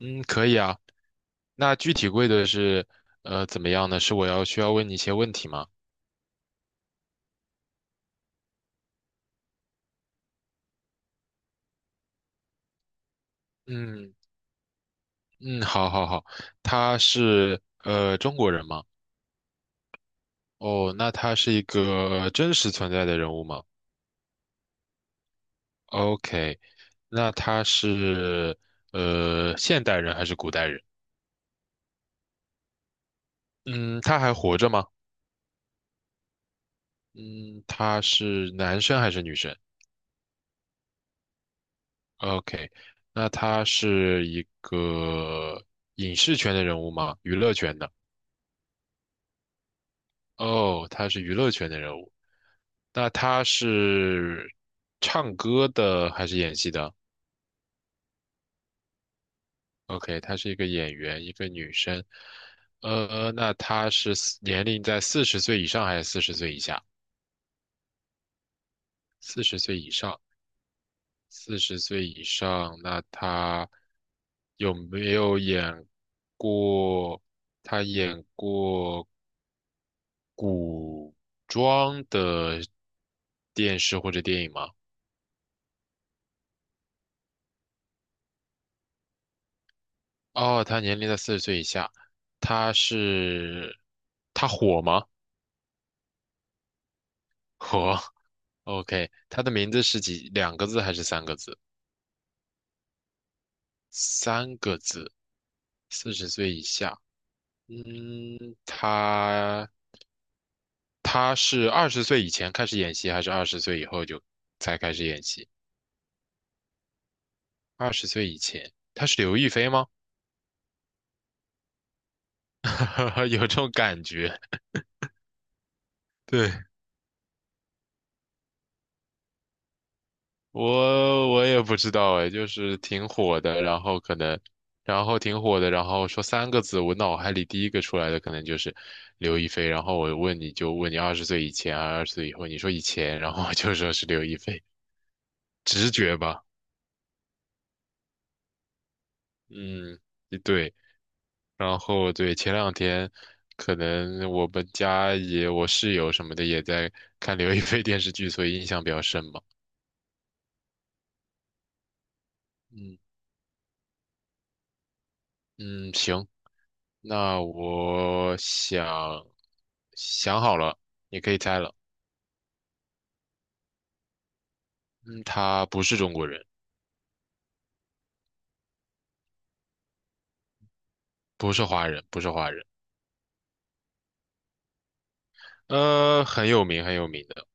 嗯，可以啊。那具体规则是，怎么样呢？是我要需要问你一些问题吗？嗯嗯，好，好，好。他是中国人吗？哦，那他是一个真实存在的人物吗？OK，那他是现代人还是古代人？嗯，他还活着吗？嗯，他是男生还是女生？OK，那他是一个影视圈的人物吗？娱乐圈的？哦，他是娱乐圈的人物，那他是唱歌的还是演戏的？OK,她是一个演员，一个女生。那她是四年龄在四十岁以上还是四十岁以下？四十岁以上，四十岁以上，那她有没有演过？她演过古装的电视或者电影吗？哦，他年龄在四十岁以下，他是他火吗？火，OK，他的名字是几两个字还是三个字？三个字，四十岁以下，嗯，他他是二十岁以前开始演戏，还是二十岁以后就才开始演戏？二十岁以前，他是刘亦菲吗？有这种感觉，对，我也不知道哎，就是挺火的，然后可能，然后挺火的，然后说三个字，我脑海里第一个出来的可能就是刘亦菲，然后我问你就问你二十岁以前啊，二十岁以后，你说以前，然后我就说是刘亦菲，直觉吧，嗯，对，然后对，前两天可能我们家也我室友什么的也在看刘亦菲电视剧，所以印象比较深嘛，嗯嗯，行，那我想好了，你可以猜了。嗯，他不是中国人，不是华人，不是华人。很有名，很有名的。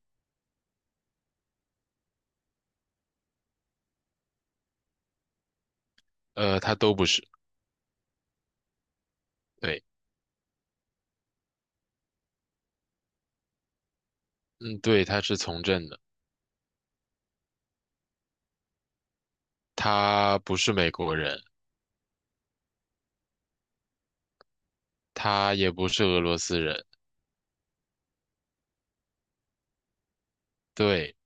他都不是。对，嗯，对，他是从政的。他不是美国人，他也不是俄罗斯人。对，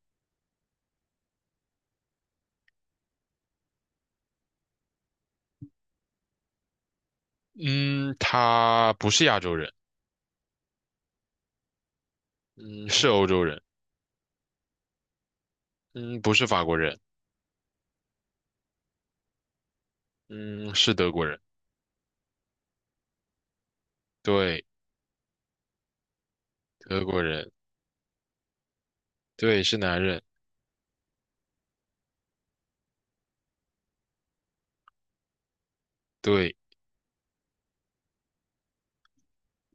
嗯，他不是亚洲人，嗯，是欧洲人，嗯，不是法国人，嗯，是德国人。对，德国人，对，是男人。对。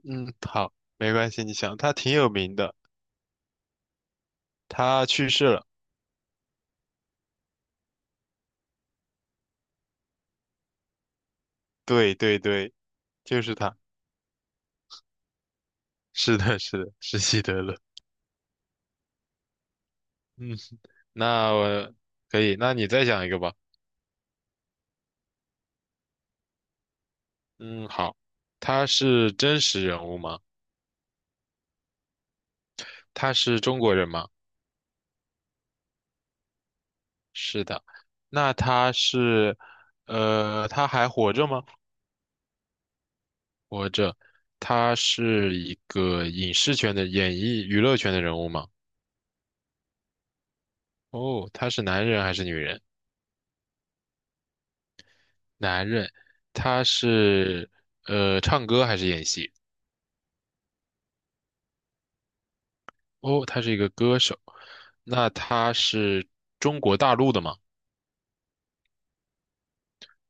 嗯，好，没关系，你想，他挺有名的，他去世了。对对对，就是他。是的，是的，是希特勒。嗯，那我可以，那你再讲一个吧。嗯，好，他是真实人物吗？他是中国人吗？是的。那他是，他还活着吗？活着。他是一个影视圈的演艺娱乐圈的人物吗？哦，他是男人还是女人？男人，他是唱歌还是演戏？哦，他是一个歌手。那他是中国大陆的吗？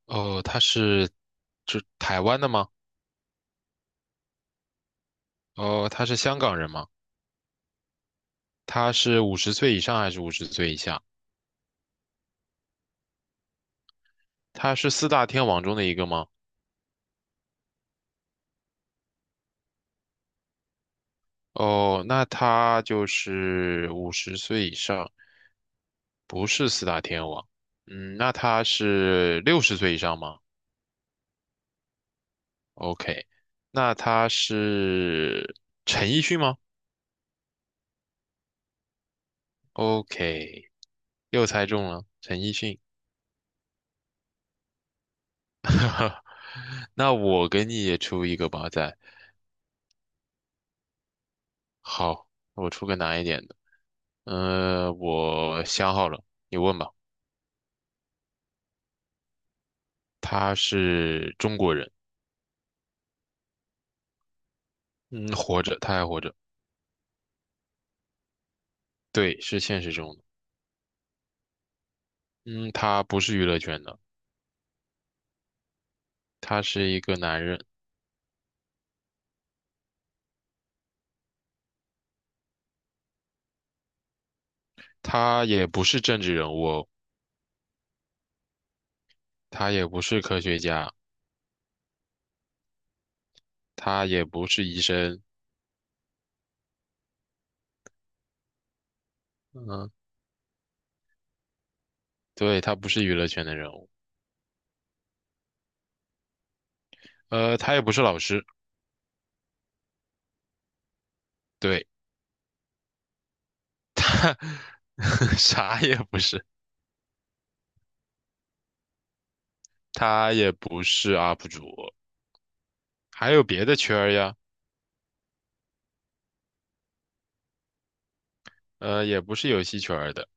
哦，他是就台湾的吗？哦，他是香港人吗？他是五十岁以上还是五十岁以下？他是四大天王中的一个吗？哦，那他就是五十岁以上，不是四大天王。嗯，那他是六十岁以上吗？OK，那他是陈奕迅吗？OK，又猜中了，陈奕迅。那我给你也出一个吧，再好，我出个难一点的。我想好了，你问吧。他是中国人，嗯，活着，他还活着，对，是现实中的。嗯，他不是娱乐圈的，他是一个男人，他也不是政治人物哦。他也不是科学家，他也不是医生。嗯、对，他不是娱乐圈的人物，他也不是老师，对，啥也不是，他也不是 UP 主，还有别的圈儿呀，也不是游戏圈儿的，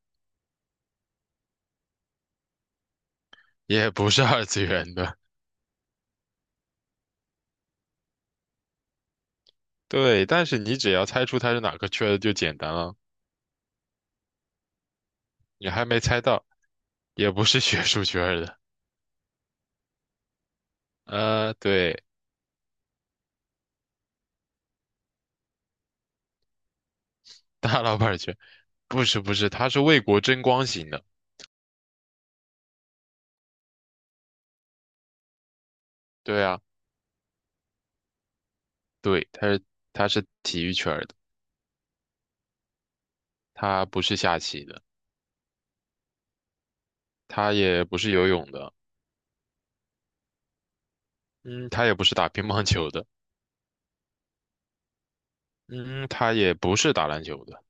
也不是二次元的，对，但是你只要猜出他是哪个圈儿的就简单了，你还没猜到，也不是学术圈儿的，对，大老板圈，不是不是，他是为国争光型的，对啊，对，他是体育圈儿的，他不是下棋的，他也不是游泳的。嗯，他也不是打乒乓球的，嗯，他也不是打篮球的，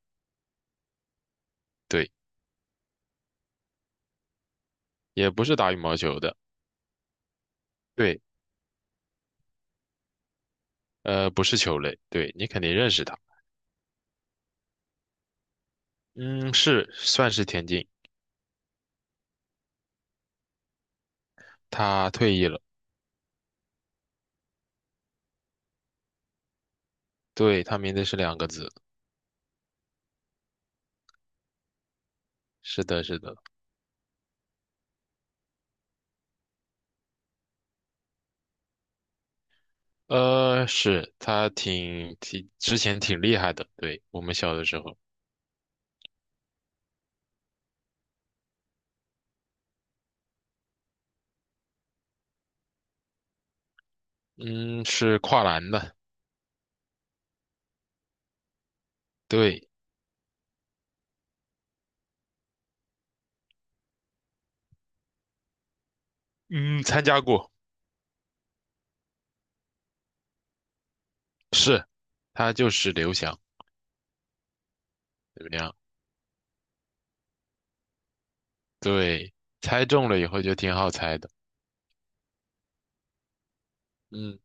对，也不是打羽毛球的，对，不是球类，对，你肯定认识他，嗯，是，算是田径，他退役了，对，他名字是两个字，是的，是的，是他挺之前挺厉害的，对，我们小的时候，嗯，是跨栏的，对，嗯，参加过，是，他就是刘翔，怎么样？对，猜中了以后就挺好猜的，嗯。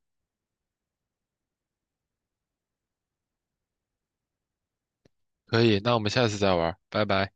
可以，那我们下次再玩拜拜。